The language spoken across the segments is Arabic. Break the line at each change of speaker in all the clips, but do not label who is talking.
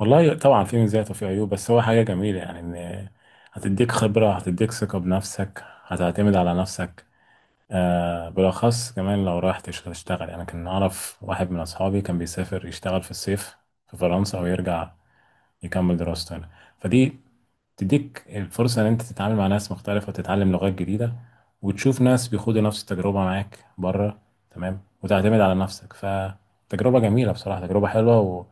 والله طبعا في مزايا وفي عيوب، بس هو حاجة جميلة يعني. إن هتديك خبرة، هتديك ثقة بنفسك، هتعتمد على نفسك. آه، بالأخص كمان لو رايح تشتغل يعني. كان أعرف واحد من أصحابي كان بيسافر يشتغل في الصيف في فرنسا ويرجع يكمل دراسته هنا. فدي تديك الفرصة إن أنت تتعامل مع ناس مختلفة وتتعلم لغات جديدة وتشوف ناس بيخوضوا نفس التجربة معاك بره، تمام، وتعتمد على نفسك. فتجربة جميلة بصراحة، تجربة حلوة،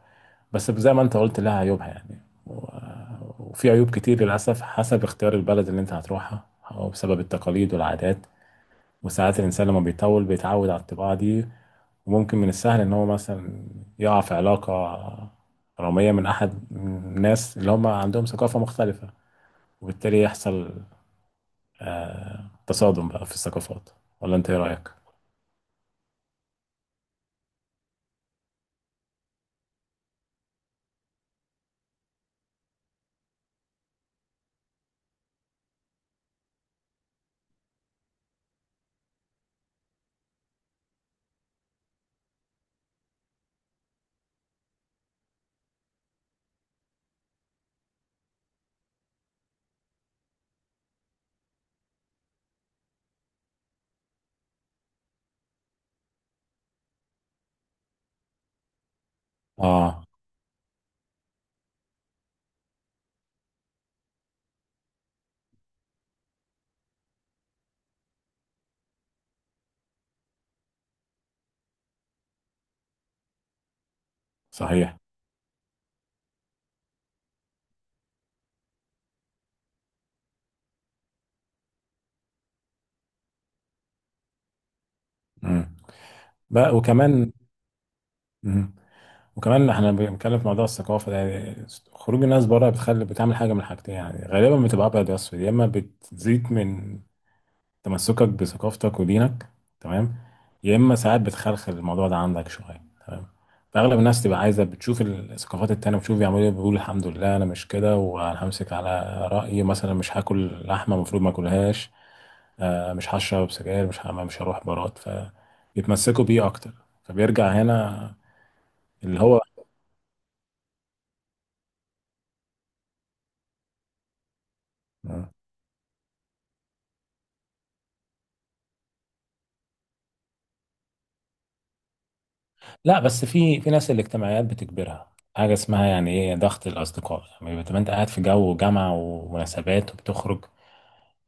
بس زي ما انت قلت لها عيوبها يعني. و- وفي عيوب كتير للأسف حسب اختيار البلد اللي انت هتروحها أو بسبب التقاليد والعادات. وساعات الإنسان لما بيطول بيتعود على الطباع دي. وممكن من السهل إن هو مثلا يقع في علاقة رمية من أحد الناس اللي هم عندهم ثقافة مختلفة، وبالتالي يحصل تصادم بقى في الثقافات. ولا أنت إيه رأيك؟ آه صحيح. مم. بقى وكمان مم. وكمان احنا بنتكلم في موضوع الثقافة ده، يعني خروج الناس بره بتخلي بتعمل حاجة من حاجتين، يعني غالبا بتبقى أبيض وأسود. يا إما بتزيد من تمسكك بثقافتك ودينك، تمام، يا إما ساعات بتخلخل الموضوع ده عندك شوية، تمام. فأغلب الناس تبقى عايزة بتشوف الثقافات التانية، بتشوف بيعملوا إيه، بيقولوا الحمد لله أنا مش كده، وأنا همسك على رأيي. مثلا مش هاكل لحمة، المفروض ما أكلهاش، آه، مش هشرب سجاير، مش هروح بارات، فبيتمسكوا بيه أكتر فبيرجع هنا اللي هو. آه. لا، بس في ناس الاجتماعيات بتجبرها حاجة اسمها يعني ايه ضغط الأصدقاء. يعني بتبقى أنت قاعد في جو جامعة ومناسبات وبتخرج.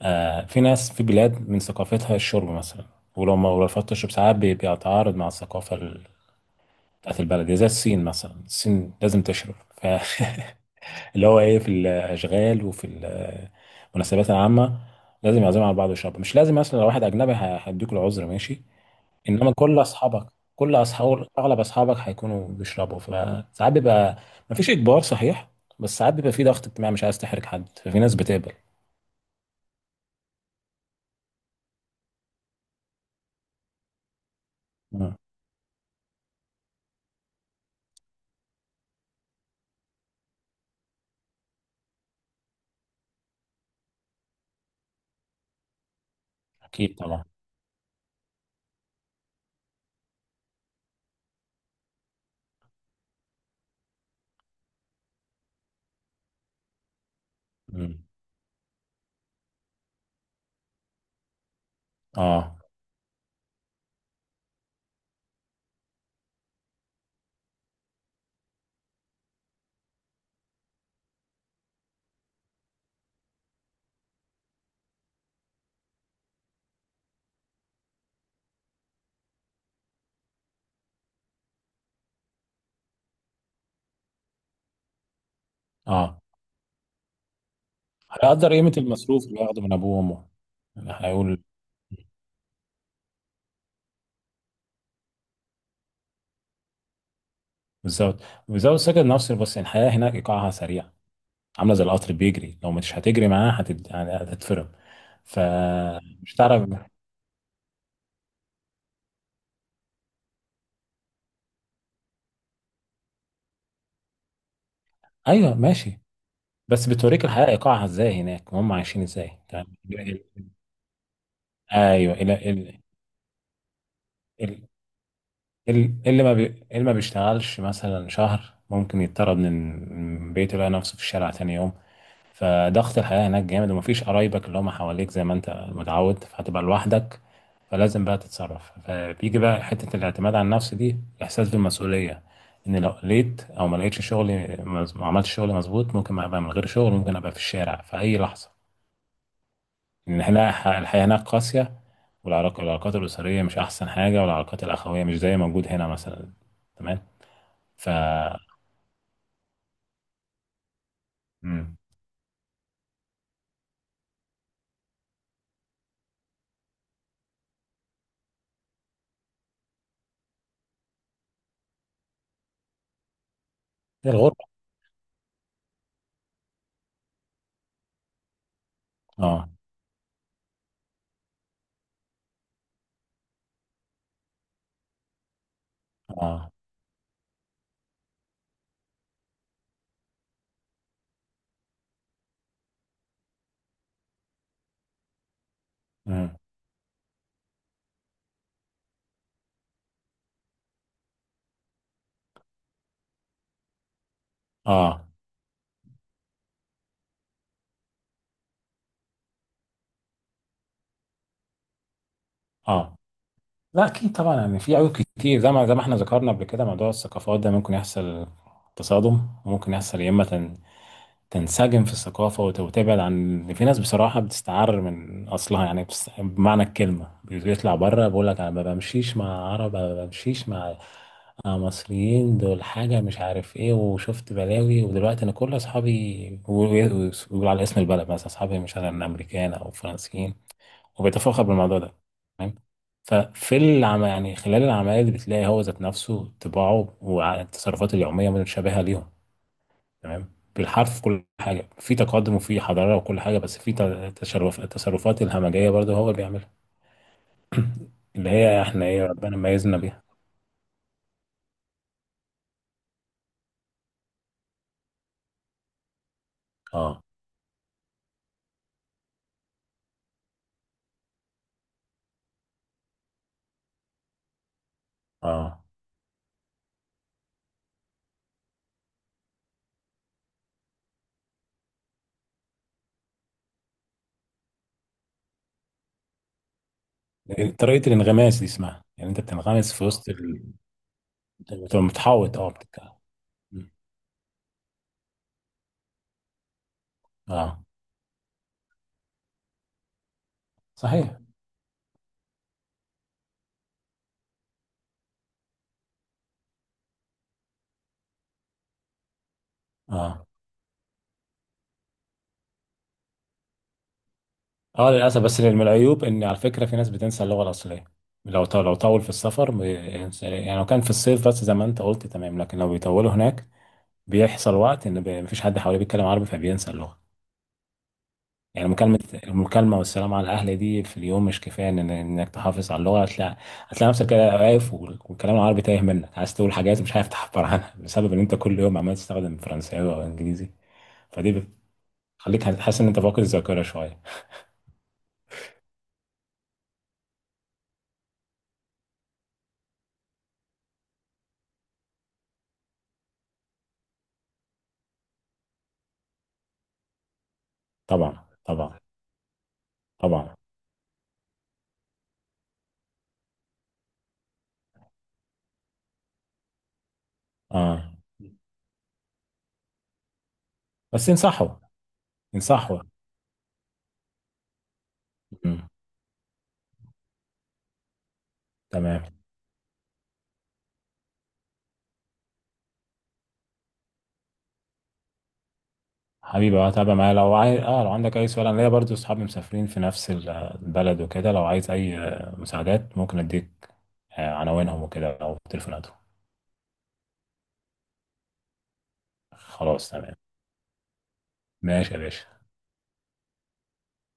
آه، في ناس في بلاد من ثقافتها الشرب مثلا، ولو ما رفضت تشرب ساعات بيتعارض مع الثقافة بتاعت البلد، زي الصين مثلا. الصين لازم تشرب. اللي هو ايه في الأشغال وفي المناسبات العامة، لازم يعزموا على بعض ويشربوا. مش لازم، مثلا لو واحد أجنبي هيديك العذر ماشي، انما كل اصحابك، كل اصحاب اغلب اصحابك هيكونوا بيشربوا فساعات بيبقى مفيش اجبار، صحيح. بس ساعات بيبقى في ضغط اجتماعي، مش عايز تحرج حد، ففي ناس بتقبل. مم. اكيد طبعا. مم. اه اه هيقدر قيمة المصروف اللي بياخده من ابوه وامه. هيقول، بالظبط بالظبط. سكت نفسي، بس الحياة هناك ايقاعها سريع، عاملة زي القطر بيجري. لو مش هتجري معاه يعني هتتفرم، فمش هتعرف. ايوه ماشي، بس بتوريك الحياة ايقاعها ازاي هناك وهم عايشين ازاي، تمام. ايوه ال- ال- اللي ما بي... اللي ما بيشتغلش مثلا شهر ممكن يضطرد من بيته، يلاقي نفسه في الشارع تاني يوم. فضغط الحياة هناك جامد، ومفيش قرايبك اللي هم حواليك زي ما انت متعود، فهتبقى لوحدك. فلازم بقى تتصرف، فبيجي بقى حتة الاعتماد على النفس دي، احساس بالمسؤولية. ان لو لقيت او ما لقيتش شغلي، ما عملتش شغلي مظبوط، ممكن ابقى من غير شغل، ممكن ابقى في الشارع في اي لحظة. ان احنا الحياه هناك قاسيه. والعلاقات الاسريه مش احسن حاجه، والعلاقات الاخويه مش زي موجود هنا مثلا، تمام. ف مم. هي الغربه. اه اه. مم. اه اه. لا اكيد طبعا، يعني في عيوب كتير، زي ما احنا ذكرنا قبل كده، موضوع الثقافات ده ممكن يحصل تصادم، وممكن يحصل يا اما تنسجم في الثقافة وتبعد عن. في ناس بصراحة بتستعر من أصلها يعني، بس بمعنى الكلمة بيطلع بره بيقول لك أنا ما بمشيش مع عرب، أنا ما بمشيش مع مصريين، دول حاجة مش عارف إيه، وشفت بلاوي، ودلوقتي أنا كل أصحابي بيقول على اسم البلد مثلا، أصحابي مش أنا، أمريكان أو فرنسيين، وبيتفاخر بالموضوع ده، تمام. يعني خلال العملية اللي بتلاقي هو ذات نفسه طباعه والتصرفات اليومية متشابهة ليهم، تمام بالحرف، كل حاجه، في تقدم وفي حضاره وكل حاجه، بس تشرف التصرفات الهمجيه برضه هو اللي بيعملها، اللي هي احنا ايه ربنا ميزنا بيها. اه. اه، طريقه الانغماس دي اسمها، يعني انت بتنغمس في وسط. بتبقى متحوط، اه، بتتكلم. اه صحيح. اه اه للاسف، بس من العيوب ان على فكره في ناس بتنسى اللغه الاصليه. لو طول في السفر يعني لو كان في الصيف بس زي ما انت قلت، تمام، لكن لو بيطولوا هناك، بيحصل وقت ان مفيش حد حواليه بيتكلم عربي، فبينسى اللغه. يعني المكالمة والسلام على الأهل دي في اليوم مش كفاية إنك تحافظ على اللغة. هتلاقي نفسك كده واقف والكلام العربي تايه منك، عايز تقول حاجات مش عارف تعبر عنها بسبب إن أنت كل يوم عمال تستخدم فرنساوي أو إنجليزي. فدي بتخليك حاسس إن أنت فاقد الذاكرة شوية. طبعا طبعا طبعا. آه، بس ينصحوا ينصحوا. مم. تمام. حبيبي، تابع معايا لو عايز، لو عندك اي سؤال. انا ليا برضو اصحابي مسافرين في نفس البلد وكده، لو عايز اي مساعدات، ممكن اديك عناوينهم وكده او تليفوناتهم. خلاص تمام. ماشي يا باشا.